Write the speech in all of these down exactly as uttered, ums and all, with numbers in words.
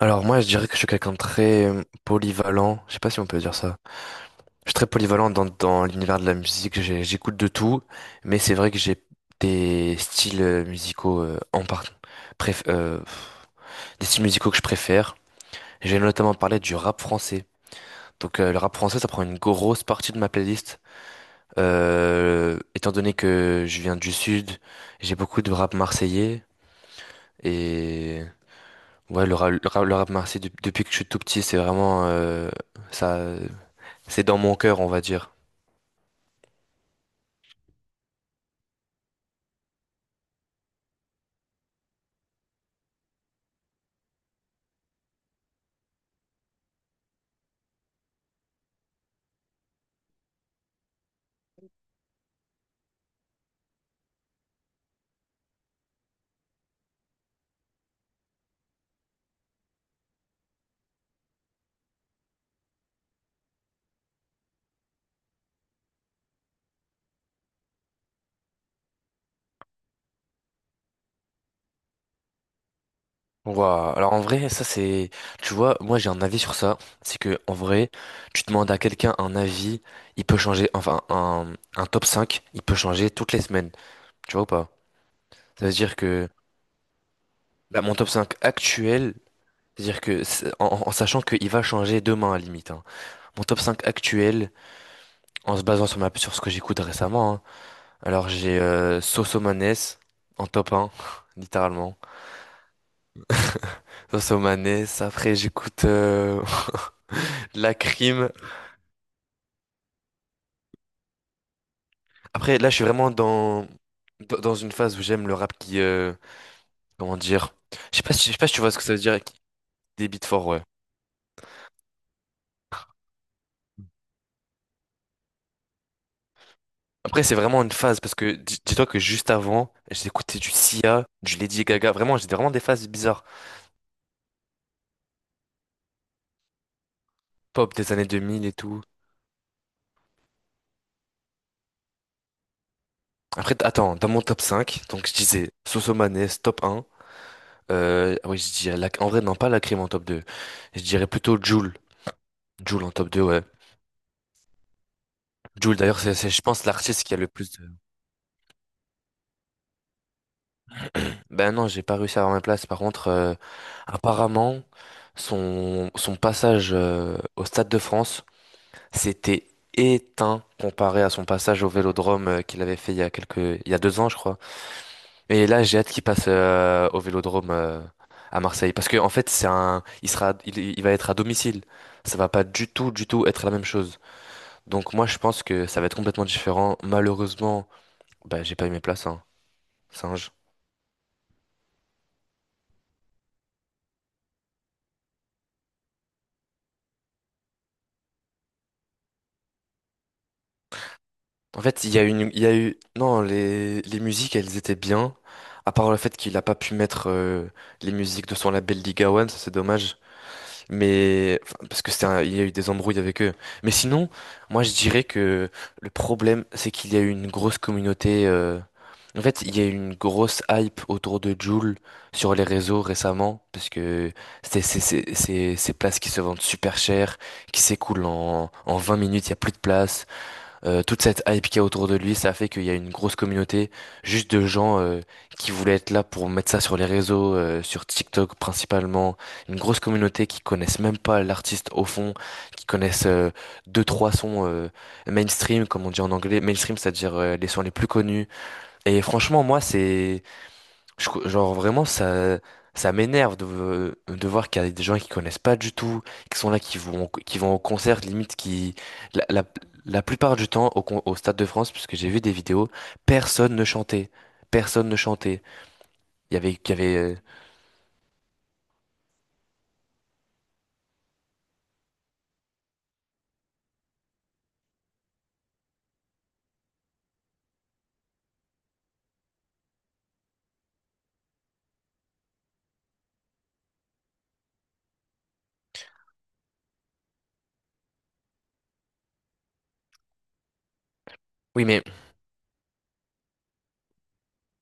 Alors moi, je dirais que je suis quelqu'un de très euh, polyvalent. Je sais pas si on peut dire ça. Je suis très polyvalent dans, dans l'univers de la musique. J'ai- J'écoute de tout, mais c'est vrai que j'ai des styles euh, musicaux euh, en part, euh, des styles musicaux que je préfère. J'ai notamment parlé du rap français. Donc euh, le rap français, ça prend une grosse partie de ma playlist. Euh, étant donné que je viens du sud, j'ai beaucoup de rap marseillais et ouais, le rap, le rap, le rap marseillais de- depuis que je suis tout petit, c'est vraiment euh, ça. C'est dans mon cœur, on va dire. Ouah! Alors en vrai, ça c'est, tu vois, moi j'ai un avis sur ça. C'est que en vrai, tu demandes à quelqu'un un avis, il peut changer. Enfin, un, un top cinq, il peut changer toutes les semaines. Tu vois ou pas? Ça veut dire que là, mon top cinq actuel, c'est-à-dire que c'est- en, en- en sachant qu'il va changer demain à la limite, hein. Mon top cinq actuel, en se basant sur ma, sur ce que j'écoute récemment, hein. Alors j'ai euh, Soso Maness en top un littéralement. Soso Maness. Après j'écoute, euh, La crime. Après, là, je suis vraiment dans, dans dans une phase où j'aime le rap qui, euh, comment dire, je sais pas si, je sais pas si tu vois ce que ça veut dire, qui- des beats forts, ouais. Après, c'est vraiment une phase parce que di- dis-toi que juste avant, j'écoutais du Sia, du Lady Gaga, vraiment, j'étais vraiment des phases bizarres. Pop des années deux mille et tout. Après, t- attends, dans mon top cinq, donc je disais Sosomanes, top un. Euh, oui, je dirais, la- en vrai, non, pas la crime en top deux. Je dirais plutôt Jul. Jul en top deux, ouais. Jul, d'ailleurs, c'est, c'est, je pense, l'artiste qui a le plus de... Ben non, j'ai pas réussi à avoir ma place. Par contre, euh, apparemment, son, son passage euh, au Stade de France, c'était éteint comparé à son passage au Vélodrome euh, qu'il avait fait il y a quelques, il y a deux ans, je crois. Et là, j'ai hâte qu'il passe euh, au Vélodrome euh, à Marseille, parce que en fait, c'est un, il sera, il, il va être à domicile. Ça va pas du tout, du tout être la même chose. Donc moi, je pense que ça va être complètement différent. Malheureusement, ben j'ai pas eu mes places, hein. Singe. En fait, il y a une, il y a eu, non, les, les musiques, elles étaient bien. À part le fait qu'il a pas pu mettre euh, les musiques de son label Liga One, ça c'est dommage. Mais enfin, parce que c'est un- il y a eu des embrouilles avec eux. Mais sinon, moi je dirais que le problème, c'est qu'il y a eu une grosse communauté. euh, En fait, il y a eu une grosse hype autour de Jul sur les réseaux récemment, parce que c'est c'est- c'est- c'est- ces places qui se vendent super cher, qui s'écoulent en, en, vingt minutes, il y a plus de place. Euh, toute cette hype qu'il y a autour de lui, ça a fait qu'il y a une grosse communauté juste de gens euh, qui voulaient être là pour mettre ça sur les réseaux, euh, sur TikTok principalement. Une grosse communauté qui connaissent même pas l'artiste au fond, qui connaissent euh, deux, trois sons euh, mainstream, comme on dit en anglais. Mainstream, c'est-à-dire euh, les sons les plus connus. Et franchement, moi, c'est je co- genre vraiment ça ça m'énerve de, de voir qu'il y a des gens qui connaissent pas du tout, qui sont là, qui vont qui vont au concert, limite qui la, la, la plupart du temps au, con- au Stade de France, puisque j'ai vu des vidéos, personne ne chantait, personne ne chantait. Il y avait il y avait euh, Oui mais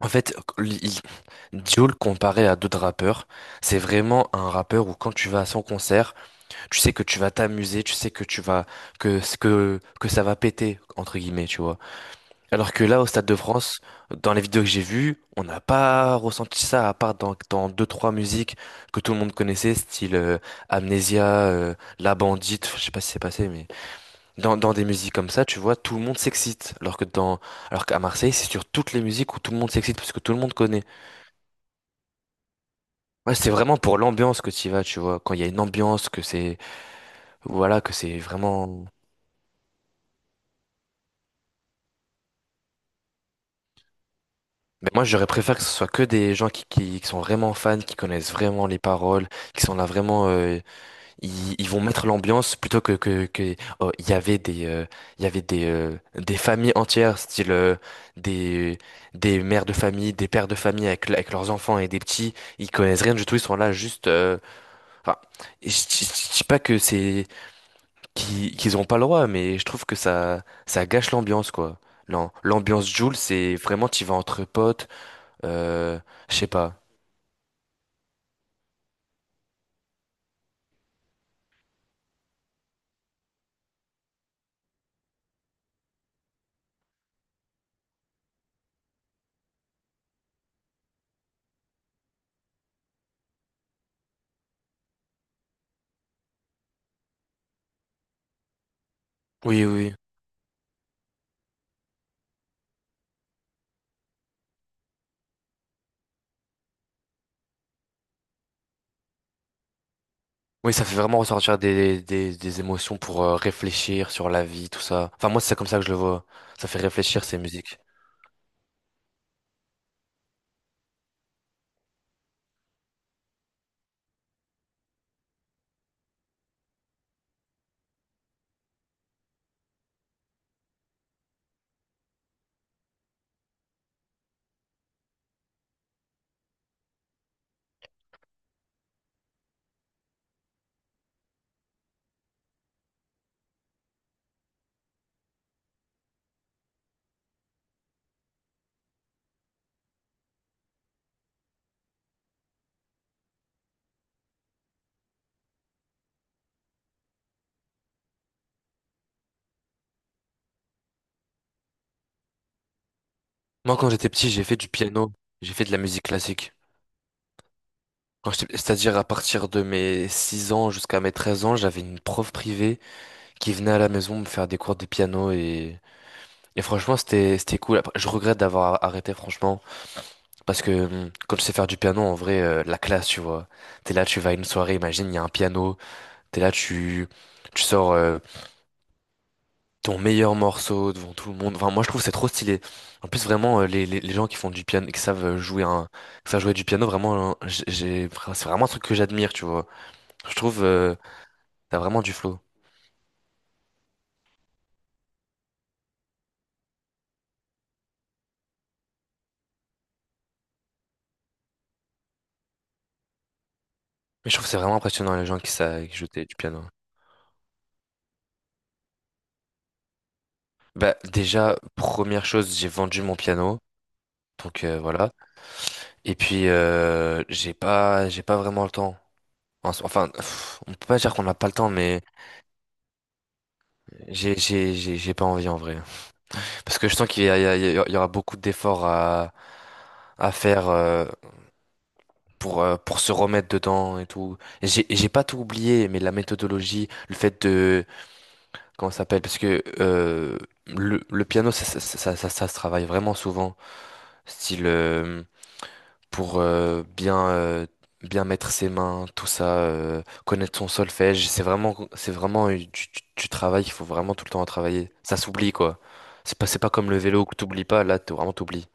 en fait, il- il- Jul comparé à d'autres rappeurs, c'est vraiment un rappeur où quand tu vas à son concert, tu sais que tu vas t'amuser, tu sais que tu vas que que que ça va péter, entre guillemets, tu vois. Alors que là, au Stade de France, dans les vidéos que j'ai vues, on n'a pas ressenti ça, à part dans, dans, deux, trois musiques que tout le monde connaissait, style euh, Amnesia, euh, La Bandite, je sais pas si c'est passé, mais dans, dans des musiques comme ça, tu vois, tout le monde s'excite. Alors que dans, alors qu'à Marseille, c'est sur toutes les musiques où tout le monde s'excite, parce que tout le monde connaît. Ouais, c'est vraiment pour l'ambiance que tu y vas, tu vois. Quand il y a une ambiance, que c'est, voilà, que c'est vraiment. Mais moi, j'aurais préféré que ce soit que des gens qui, qui, qui sont vraiment fans, qui connaissent vraiment les paroles, qui sont là vraiment. Euh, ils, ils vont mettre l'ambiance plutôt que que que oh, il y avait des euh, il y avait des euh, des familles entières, style euh, des des mères de famille, des pères de famille, avec avec leurs enfants, et des petits, ils connaissent rien du tout, ils sont là juste, euh, enfin, je je- je dis pas que c'est qu'ils qu'ils ont pas le droit, mais je trouve que ça ça gâche l'ambiance, quoi. L'am- l'ambiance Joule, c'est vraiment tu vas entre potes, euh, je sais pas. Oui, oui. Oui, ça fait vraiment ressortir des, des, des émotions pour euh, réfléchir sur la vie, tout ça. Enfin, moi, c'est comme ça que je le vois. Ça fait réfléchir, ces musiques. Moi, quand j'étais petit, j'ai fait du piano. J'ai fait de la musique classique. Quand j'étais- C'est-à-dire, à partir de mes six ans jusqu'à mes treize ans, j'avais une prof privée qui venait à la maison me faire des cours de piano, et, et franchement, c'était, c'était cool. Après, je regrette d'avoir arrêté, franchement. Parce que hum, comme tu sais faire du piano, en vrai, euh, la classe, tu vois. T'es là, tu vas à une soirée, imagine, il y a un piano. T'es là, tu, tu sors euh, ton meilleur morceau devant tout le monde. Enfin, moi, je trouve que c'est trop stylé. En plus, vraiment, euh, les, les, les gens qui font du piano, qui savent euh, jouer un, qui savent jouer du piano, vraiment, euh, j'ai, j'ai- enfin, c'est vraiment un truc que j'admire, tu vois. Je trouve, euh, t'as vraiment du flow. Mais je trouve que c'est vraiment impressionnant, les gens qui savent qui jouent du piano. Bah, déjà, première chose, j'ai vendu mon piano. Donc euh, voilà. Et puis euh, j'ai pas j'ai pas vraiment le temps. En so- Enfin, pff, on peut pas dire qu'on n'a pas le temps, mais j'ai j'ai j'ai j'ai pas envie en vrai. Parce que je sens qu'il y a, il y a- il y a- il y aura beaucoup d'efforts à à faire, euh, pour euh, pour se remettre dedans et tout. Et J'ai et j'ai pas tout oublié, mais la méthodologie, le fait de, comment ça s'appelle, parce que euh, le le piano, ça ça, ça ça ça se travaille vraiment souvent. Style euh, pour euh, bien euh, bien mettre ses mains, tout ça, euh, connaître son solfège. C'est vraiment c'est vraiment euh, du, du- du travail. Il faut vraiment tout le temps à travailler. Ça s'oublie, quoi. C'est pas c'est pas comme le vélo, que t'oublies pas. Là, t'es vraiment, t'oublies.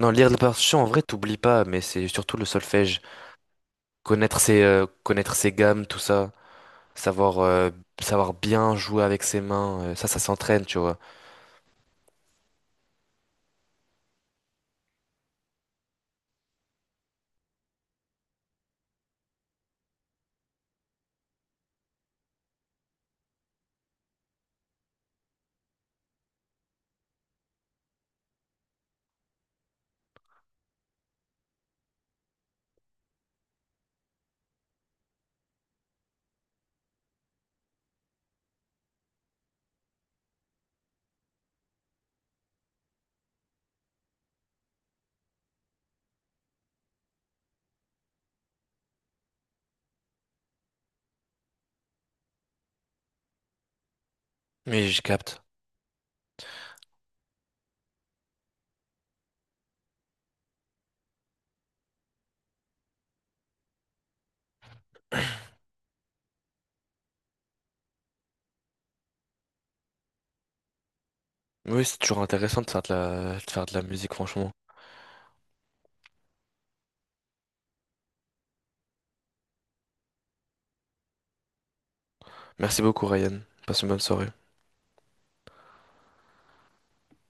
Non, lire les partitions en vrai t'oublies pas, mais c'est surtout le solfège, connaître ses euh, connaître ses gammes, tout ça, savoir euh, savoir bien jouer avec ses mains. euh, ça, ça s'entraîne, tu vois. Mais je capte. Oui, c'est toujours intéressant de faire de la de faire de la musique, franchement. Merci beaucoup, Ryan. Passe une bonne soirée.